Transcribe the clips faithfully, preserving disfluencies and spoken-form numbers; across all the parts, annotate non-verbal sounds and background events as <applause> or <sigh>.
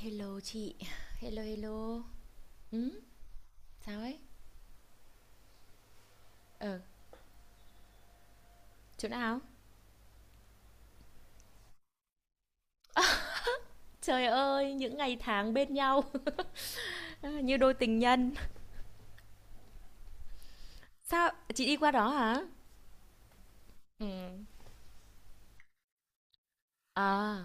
Hello chị, hello hello. Ừ, sao ấy? Ờ, chỗ nào? Trời ơi, những ngày tháng bên nhau <laughs> như đôi tình nhân. Sao? Chị đi qua đó hả? Ừ. À,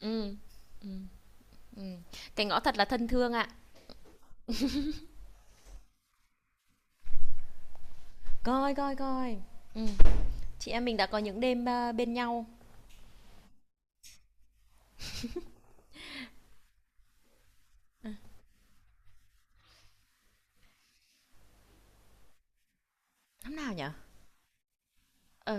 ừ. Ừ. Ừ. Cái ngõ thật là thân thương ạ. Coi coi coi. Ừ. Chị em mình đã có những đêm à, bên nhau. Năm nào nhở? Ờ.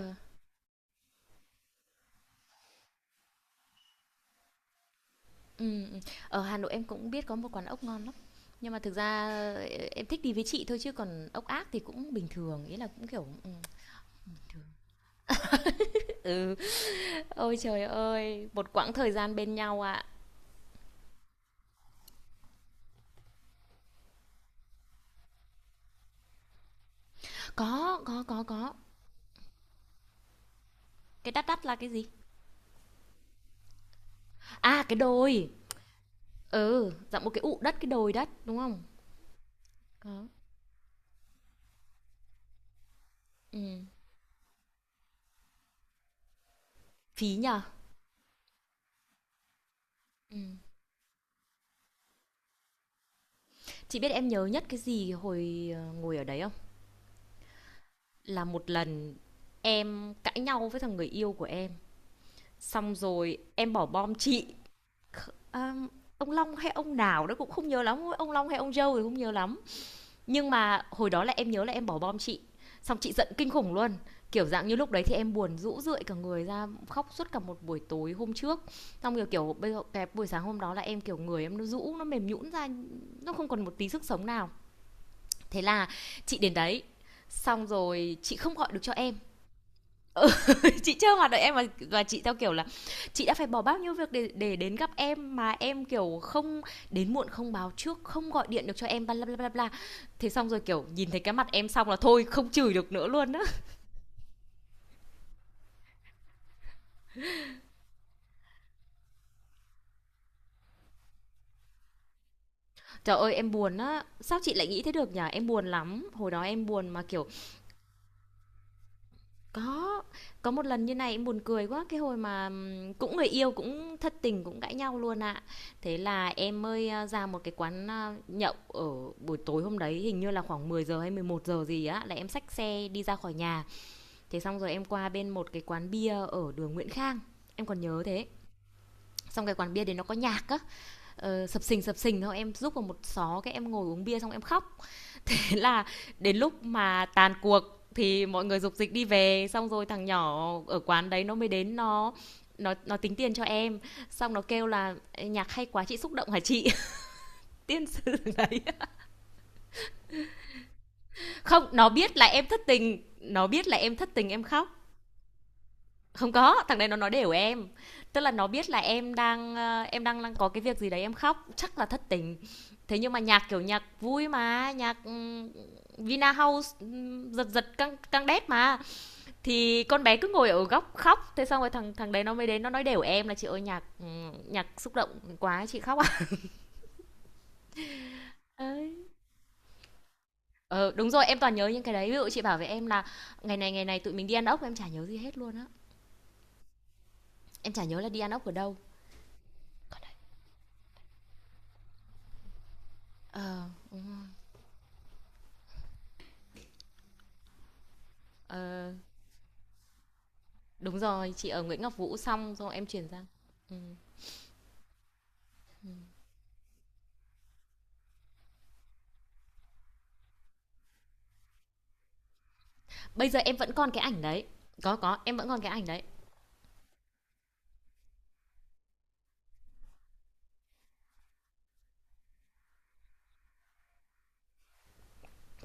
Ừ. Ừ. Ở Hà Nội em cũng biết có một quán ốc ngon lắm. Nhưng mà thực ra ờ, em thích đi với chị thôi chứ còn ốc ác thì cũng bình thường, ý là cũng kiểu ừ. <laughs> Ừ, ôi trời ơi, một quãng thời gian bên nhau ạ. Có, có, có, có. Cái đắt đắt là cái gì? À, cái đồi. Ừ, dặm một cái ụ đất, cái đồi đất, đúng không? Có. Ừ. Phí nhờ. Ừ. Chị biết em nhớ nhất cái gì hồi ờ, ngồi ở đấy không? Là một lần em cãi nhau với thằng người yêu của em. Xong rồi em bỏ bom chị. Kh- à, ông Long hay ông nào đó cũng không nhớ lắm. Ông Long hay ông Joe thì không nhớ lắm. Nhưng mà hồi đó là em nhớ là em bỏ bom chị, xong chị giận kinh khủng luôn. Kiểu dạng như lúc đấy thì em buồn rũ rượi cả người ra, khóc suốt cả một buổi tối hôm trước. Xong rồi kiểu bây giờ cái buổi sáng hôm đó là em kiểu người em nó rũ, nó mềm nhũn ra, nó không còn một tí sức sống nào. Thế là chị đến đấy, xong rồi chị không gọi được cho em. Ừ, chị chưa hoạt đợi em mà và chị theo kiểu là chị đã phải bỏ bao nhiêu việc để để đến gặp em mà em kiểu không đến muộn không báo trước không gọi điện được cho em bla bla bla bla thế xong rồi kiểu nhìn thấy cái mặt em xong là thôi không chửi được nữa luôn á. Trời ơi em buồn á, sao chị lại nghĩ thế được nhỉ, em buồn lắm hồi đó em buồn mà kiểu. Có, có một lần như này em buồn cười quá, cái hồi mà, ừm, cũng người yêu, cũng thất tình, cũng cãi nhau luôn ạ. Thế là em mới, a, ra một cái quán, a, nhậu ở buổi tối hôm đấy, hình như là khoảng mười giờ hay mười một giờ gì á, là em xách xe đi ra khỏi nhà. Thế xong rồi em qua bên một cái quán bia ở đường Nguyễn Khang, em còn nhớ thế. Xong cái quán bia đấy nó có nhạc á, ờ, sập sình, sập sình, thôi em núp vào một xó, cái em ngồi uống bia xong em khóc. Thế là đến lúc mà tàn cuộc thì mọi người dục dịch đi về, xong rồi thằng nhỏ ở quán đấy nó mới đến, nó nó nó tính tiền cho em, xong nó kêu là nhạc hay quá chị xúc động hả chị. <laughs> Tiên sư đấy. Không, nó biết là em thất tình, nó biết là em thất tình em khóc, không có thằng đấy nó nói đều em, tức là nó biết là em đang ờ, em đang, đang có cái việc gì đấy em khóc chắc là thất tình. Thế nhưng mà nhạc kiểu nhạc vui mà nhạc ừ, Vina House ừ, giật giật căng căng đét mà. Thì con bé cứ ngồi ở góc khóc, thế xong rồi thằng thằng đấy nó mới đến nó nói đều em là chị ơi nhạc ừ, nhạc xúc động quá chị khóc ạ. <laughs> Ờ đúng rồi, em toàn nhớ những cái đấy, ví dụ chị bảo với em là ngày này ngày này tụi mình đi ăn ốc em chả nhớ gì hết luôn á, em chả nhớ là đi ăn ốc ở đâu. Ờ đúng rồi. Ờ, đúng rồi, chị ở Nguyễn Ngọc Vũ xong rồi em chuyển sang. Ừ. Bây giờ em vẫn còn cái ảnh đấy, có có em vẫn còn cái ảnh đấy.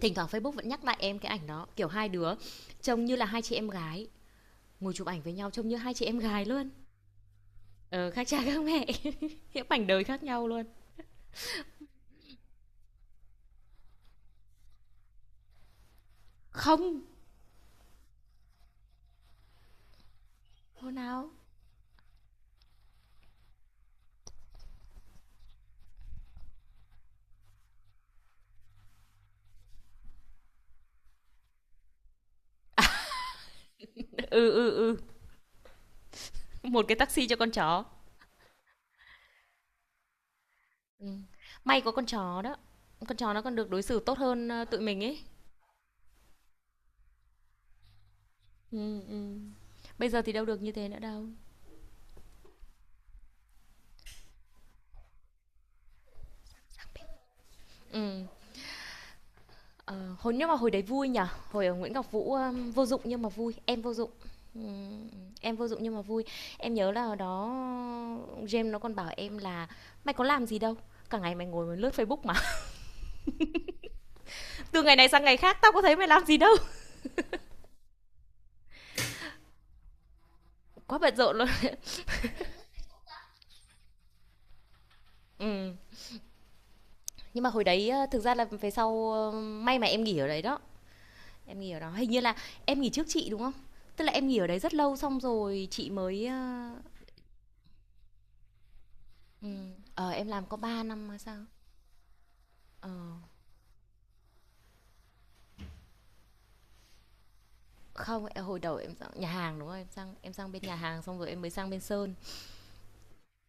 Thỉnh thoảng Facebook vẫn nhắc lại em cái ảnh đó kiểu hai đứa trông như là hai chị em gái, ngồi chụp ảnh với nhau trông như hai chị em gái luôn. Ờ, khác cha khác mẹ. <laughs> Những mảnh đời khác nhau luôn. Không. Hồi nào. Ừ ừ ừ. Một cái taxi cho con chó. Ừ. May có con chó đó, con chó nó còn được đối xử tốt hơn ờ, tụi mình ấy. Ừ, ừ. Bây giờ thì đâu được như thế nữa đâu. Ừ. ờ, Hồi nhưng mà hồi đấy vui nhở, hồi ở Nguyễn Ngọc Vũ um, vô dụng nhưng mà vui, em vô dụng. Ừ, em vô dụng nhưng mà vui. Em nhớ là hồi đó James nó còn bảo em là mày có làm gì đâu, cả ngày mày ngồi mày lướt Facebook mà. <laughs> Từ ngày này sang ngày khác tao có thấy mày làm gì đâu. Quá bận rộn luôn. <laughs> Ừ. Nhưng mà hồi đấy ờ, thực ra là về sau ờ, may mà em nghỉ ở đấy đó. Em nghỉ ở đó hình như là em nghỉ trước chị đúng không, tức là em nghỉ ở đấy rất lâu xong rồi chị mới ờ, ừ. Ờ em làm có ba năm hay sao. Ờ. Không, ờ, hồi đầu em sang nhà hàng đúng không, em sang em sang bên nhà hàng xong rồi em mới sang bên sơn.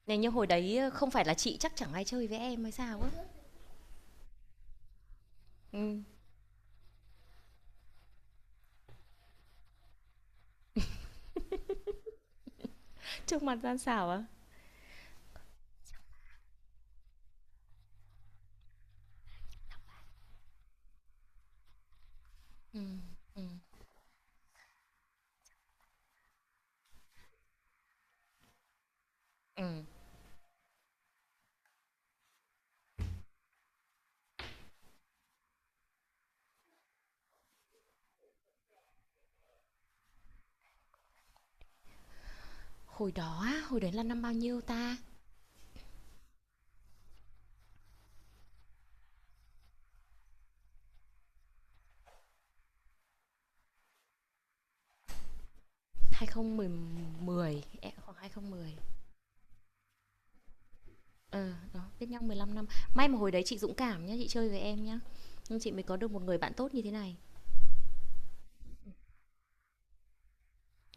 Này nhưng hồi đấy ờ, không phải là chị chắc chẳng ai chơi với em hay sao á. Ừ. Trước mặt gian xảo á. Ừ, ừ, ừ. Hồi đó á, hồi đấy là năm bao nhiêu ta? hai không một không, e khoảng hai không một không. Ờ, đó, biết nhau mười lăm năm. May mà hồi đấy chị dũng cảm nhá, chị chơi với em nhá. Nhưng chị mới có được một người bạn tốt như thế này.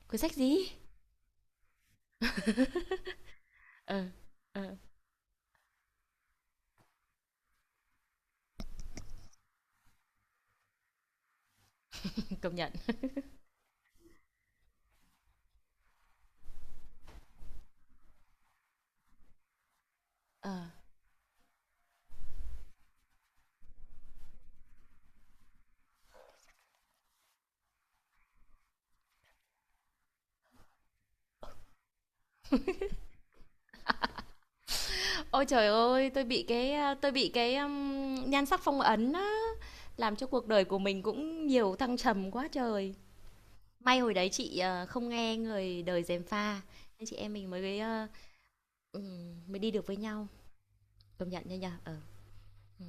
Cuốn sách gì? Ờ, ờ, <laughs> công nhận. Ờ. Ôi trời ơi, tôi bị cái à, tôi bị cái um, nhan sắc phong ấn á, làm cho cuộc đời của mình cũng nhiều thăng trầm quá trời. May hồi đấy chị à, không nghe người đời gièm pha, nên chị em mình mới à, ừm, mới đi được với nhau. Công nhận nha nhở. Ờ. Ừ.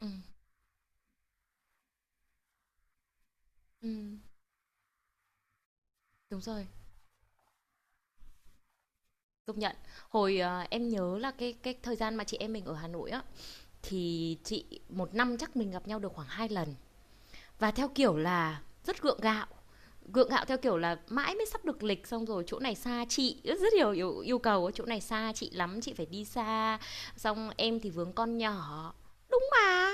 Ừ. Ừ. Đúng rồi. Công nhận. Hồi, ờ, em nhớ là cái cái thời gian mà chị em mình ở Hà Nội á, thì chị một năm chắc mình gặp nhau được khoảng hai lần. Và theo kiểu là rất gượng gạo, gượng gạo theo kiểu là mãi mới sắp được lịch xong rồi chỗ này xa chị, rất rất nhiều yêu yêu cầu, chỗ này xa chị lắm, chị phải đi xa, xong em thì vướng con nhỏ. Mà,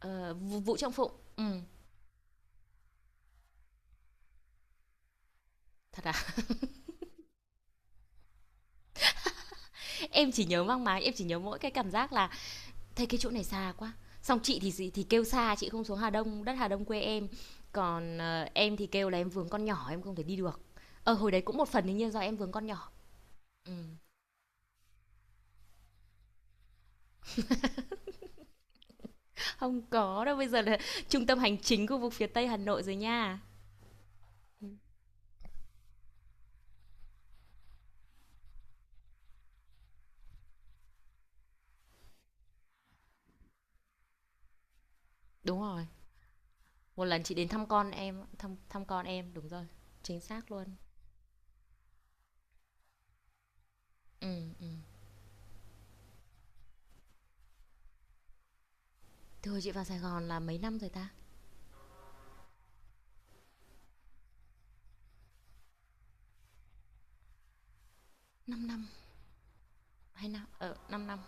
ờ, Vũ Trọng Phụng, ừm, thật à? <laughs> Em chỉ nhớ mang máng, em chỉ nhớ mỗi cái cảm giác là thế cái chỗ này xa quá, xong chị thì gì- thì kêu xa chị không xuống Hà Đông đất Hà Đông quê em, còn ờ, em thì kêu là em vướng con nhỏ em không thể đi được. Ờ hồi đấy cũng một phần đương nhiên do em vướng con nhỏ. Ừ. Không có đâu, bây giờ là trung tâm hành chính khu vực phía Tây Hà Nội rồi nha. Ừ, đúng rồi. Một lần chị đến thăm con em, thăm thăm con em, đúng rồi. Chính xác luôn. Ừ ừ. Thưa chị vào Sài Gòn là mấy năm rồi ta? Năm năm, hai năm, ờ năm năm.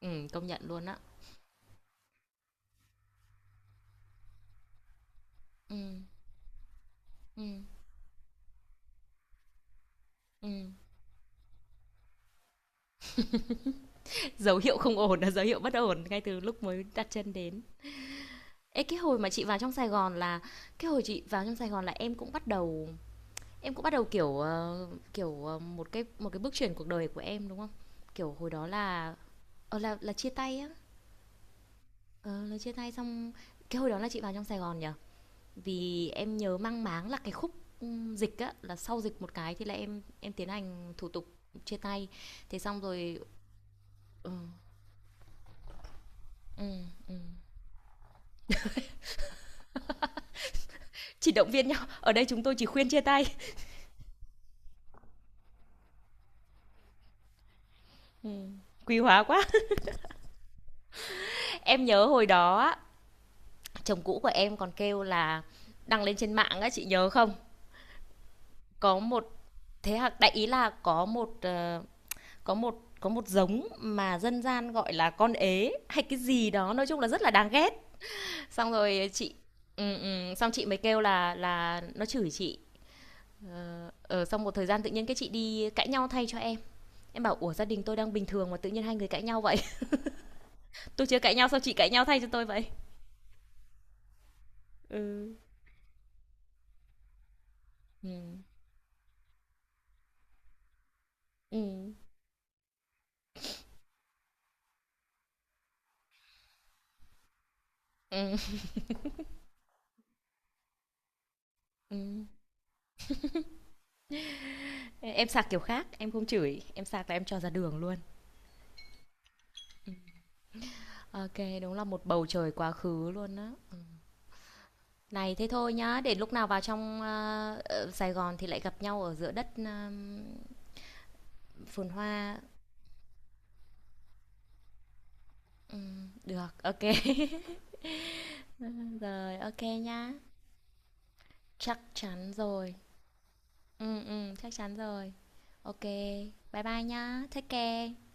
Ừ, công nhận luôn á. Ừ, ừ, ừ. Dấu hiệu không ổn là dấu hiệu bất ổn ngay từ lúc mới đặt chân đến. Ê, cái hồi mà chị vào trong Sài Gòn là cái hồi chị vào trong Sài Gòn là em cũng bắt đầu, em cũng bắt đầu kiểu ờ, kiểu ờ, một cái một cái bước chuyển cuộc đời của em đúng không? Kiểu hồi đó là ờ, là là chia tay á, ờ, là chia tay xong. Cái hồi đó là chị vào trong Sài Gòn nhỉ? Vì em nhớ mang máng là cái khúc ừm, dịch á, là sau dịch một cái thì là em em tiến hành thủ tục chia tay. Thế xong rồi. Ừ, ừ, ừ. Chỉ động viên nhau. Ở đây chúng tôi chỉ khuyên chia tay. Ừm, quý hóa quá. Em nhớ hồi đó chồng cũ của em còn kêu là đăng lên trên mạng á, chị nhớ không? Có một thế hạt đại ý là có một ờ, có một có một giống mà dân gian gọi là con ế hay cái gì đó, nói chung là rất là đáng ghét. Xong rồi chị, ừ, ừ, xong chị mới kêu là là nó chửi chị. Ờ, ờ, xong một thời gian tự nhiên cái chị đi cãi nhau thay cho em. Em bảo ủa gia đình tôi đang bình thường mà tự nhiên hai người cãi nhau vậy. <laughs> Tôi chưa cãi nhau sao chị cãi nhau thay cho tôi vậy? Ừ. Ừ. Ừ. Ừm, ừm. Em sạc kiểu khác, em không chửi, em sạc là em cho ra đường luôn. Ok, đúng là một bầu trời quá khứ luôn á. Ừm. Này thế thôi nhá, để lúc nào vào trong ờ, ờ, Sài Gòn thì lại gặp nhau ở giữa đất ờm, phồn hoa. Ừm, được, ok. <laughs> Rồi, ok nhá. Chắc chắn rồi. Ừ, ừ, chắc chắn rồi. Ok, bye bye nhá. Take care.